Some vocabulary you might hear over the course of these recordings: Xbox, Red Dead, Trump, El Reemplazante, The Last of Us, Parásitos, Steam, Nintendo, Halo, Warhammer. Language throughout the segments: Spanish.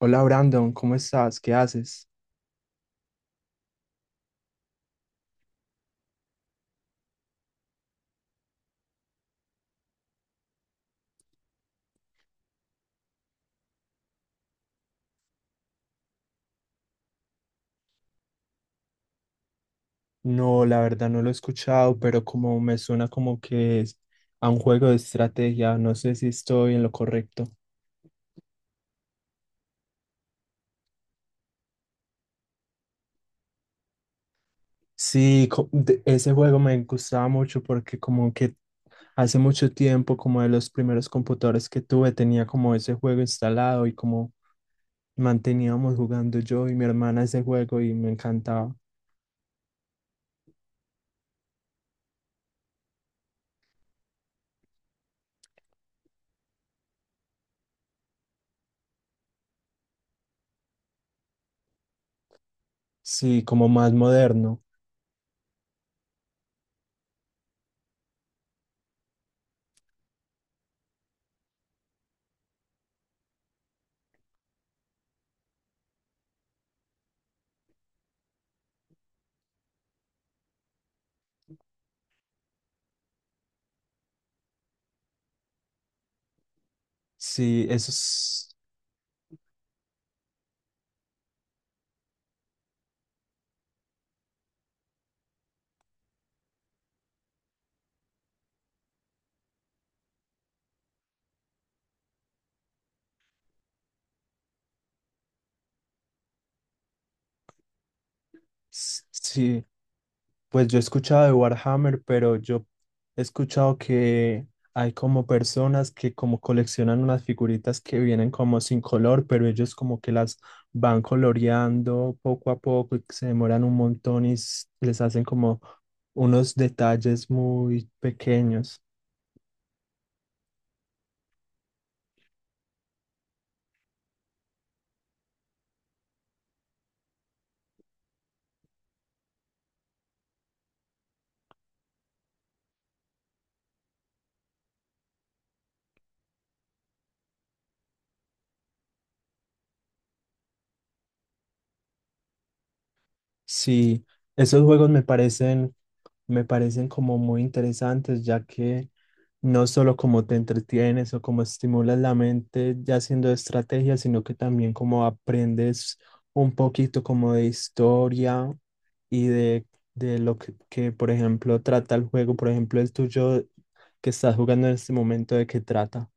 Hola Brandon, ¿cómo estás? ¿Qué haces? No, la verdad no lo he escuchado, pero como me suena como que es a un juego de estrategia, no sé si estoy en lo correcto. Sí, ese juego me gustaba mucho porque como que hace mucho tiempo, como de los primeros computadores que tuve, tenía como ese juego instalado y como manteníamos jugando yo y mi hermana ese juego y me encantaba. Sí, como más moderno. Sí, eso es... Sí. Pues yo he escuchado de Warhammer, pero yo he escuchado que hay como personas que como coleccionan unas figuritas que vienen como sin color, pero ellos como que las van coloreando poco a poco y que se demoran un montón y les hacen como unos detalles muy pequeños. Sí, esos juegos me parecen como muy interesantes, ya que no solo como te entretienes o como estimulas la mente ya haciendo estrategias, sino que también como aprendes un poquito como de historia y de lo que, por ejemplo, trata el juego. Por ejemplo, el tuyo que estás jugando en este momento, ¿de qué trata?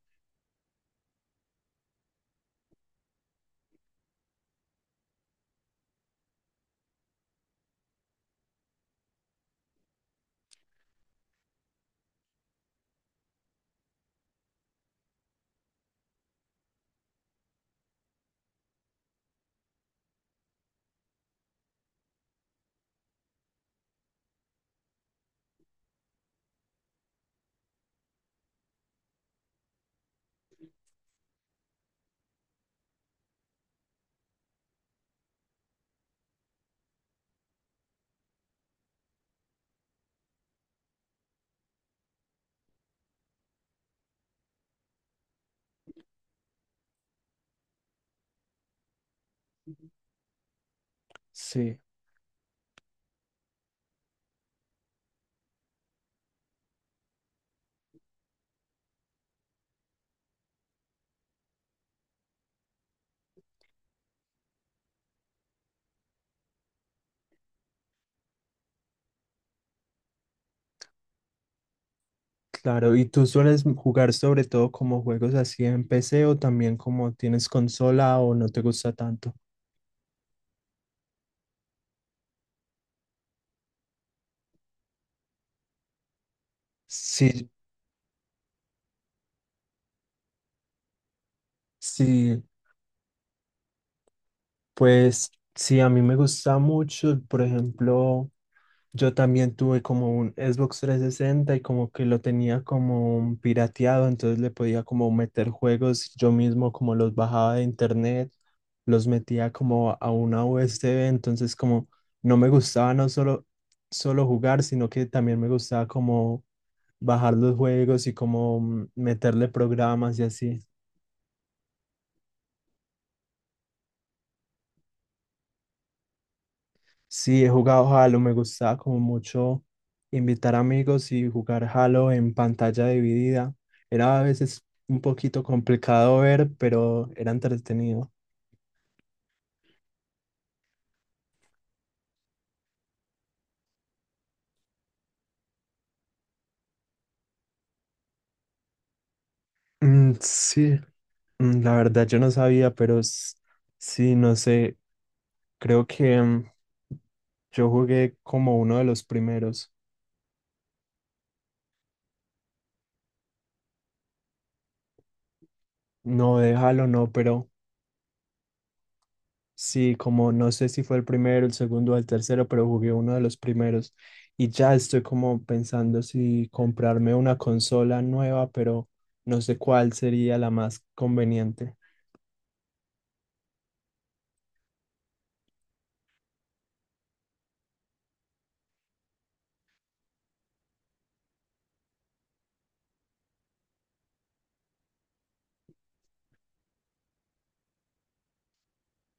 Sí, claro. ¿Y tú sueles jugar sobre todo como juegos así en PC o también como tienes consola o no te gusta tanto? Sí, sí, Pues sí, a mí me gusta mucho, por ejemplo, yo también tuve como un Xbox 360 y como que lo tenía como pirateado, entonces le podía como meter juegos, yo mismo como los bajaba de internet, los metía como a una USB, entonces como no me gustaba no solo, solo jugar, sino que también me gustaba como bajar los juegos y como meterle programas y así. Sí, he jugado Halo, me gustaba como mucho invitar amigos y jugar Halo en pantalla dividida. Era a veces un poquito complicado ver, pero era entretenido. Mm, sí, la verdad yo no sabía, pero sí, no sé, creo que yo jugué como uno de los primeros. No de Halo, no, pero... Sí, como no sé si fue el primero, el segundo o el tercero, pero jugué uno de los primeros y ya estoy como pensando si comprarme una consola nueva, pero no sé cuál sería la más conveniente.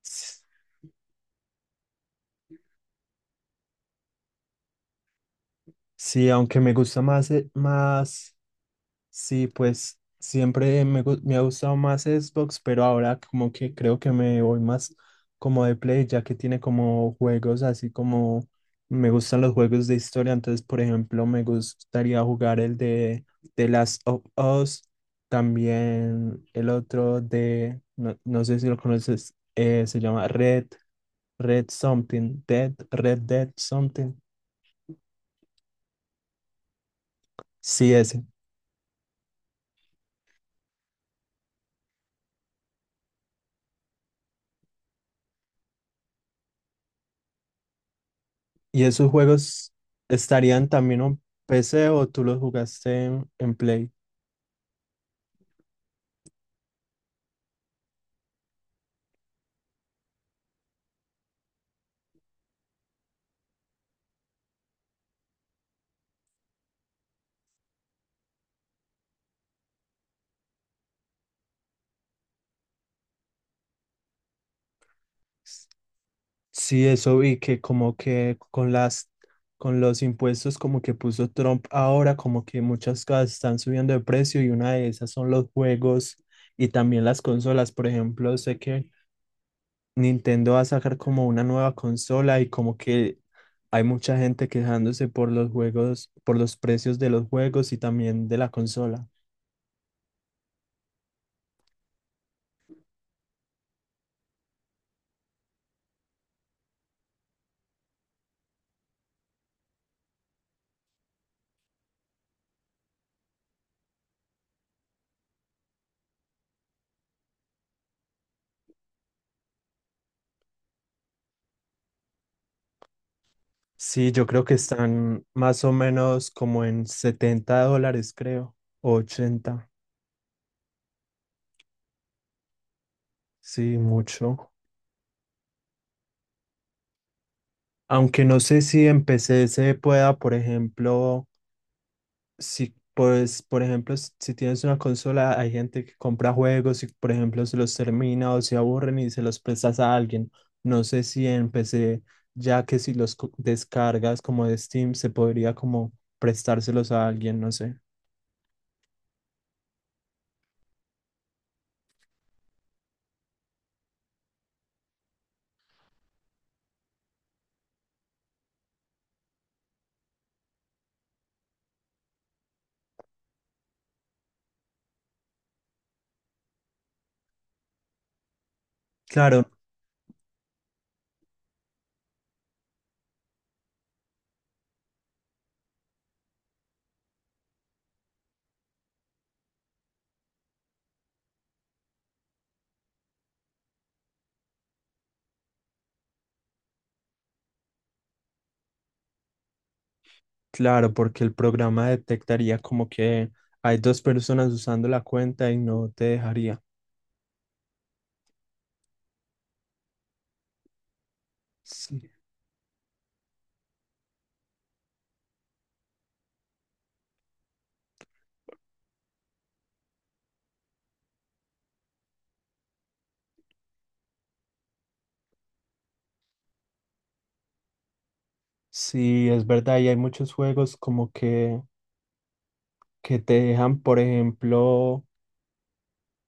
S- Sí, aunque me gusta más, más. Sí, pues siempre me ha gustado más Xbox, pero ahora como que creo que me voy más como de Play, ya que tiene como juegos así como me gustan los juegos de historia. Entonces, por ejemplo, me gustaría jugar el de The Last of Us, también el otro de, no, no sé si lo conoces, se llama Red, Red Something, Dead, Red Dead Something. Sí, ese. ¿Y esos juegos estarían también en PC o tú los jugaste en Play? Sí, eso vi que como que con los impuestos como que puso Trump ahora, como que muchas cosas están subiendo de precio y una de esas son los juegos y también las consolas. Por ejemplo, sé que Nintendo va a sacar como una nueva consola y como que hay mucha gente quejándose por los juegos, por los precios de los juegos y también de la consola. Sí, yo creo que están más o menos como en 70 dólares, creo, o 80, sí, mucho. Aunque no sé si en PC se pueda, por ejemplo, si, pues, por ejemplo, si tienes una consola, hay gente que compra juegos y, por ejemplo, se los termina o se aburren y se los prestas a alguien. No sé si en PC, ya que si los descargas como de Steam, se podría como prestárselos a alguien, no sé. Claro, Claro, porque el programa detectaría como que hay dos personas usando la cuenta y no te dejaría. Sí, sí, es verdad, y hay muchos juegos como que te dejan, por ejemplo,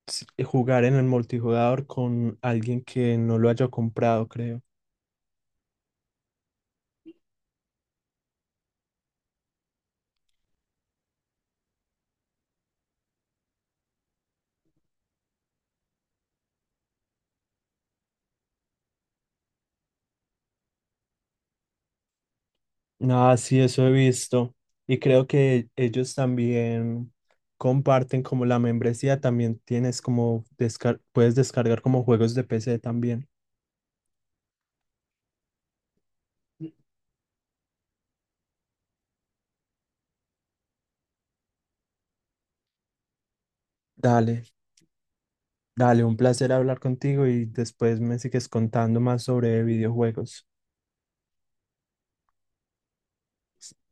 jugar en el multijugador con alguien que no lo haya comprado, creo. Ah, sí, eso he visto. Y creo que ellos también comparten como la membresía, también tienes como puedes descargar como juegos de PC también. Dale. Dale, un placer hablar contigo y después me sigues contando más sobre videojuegos.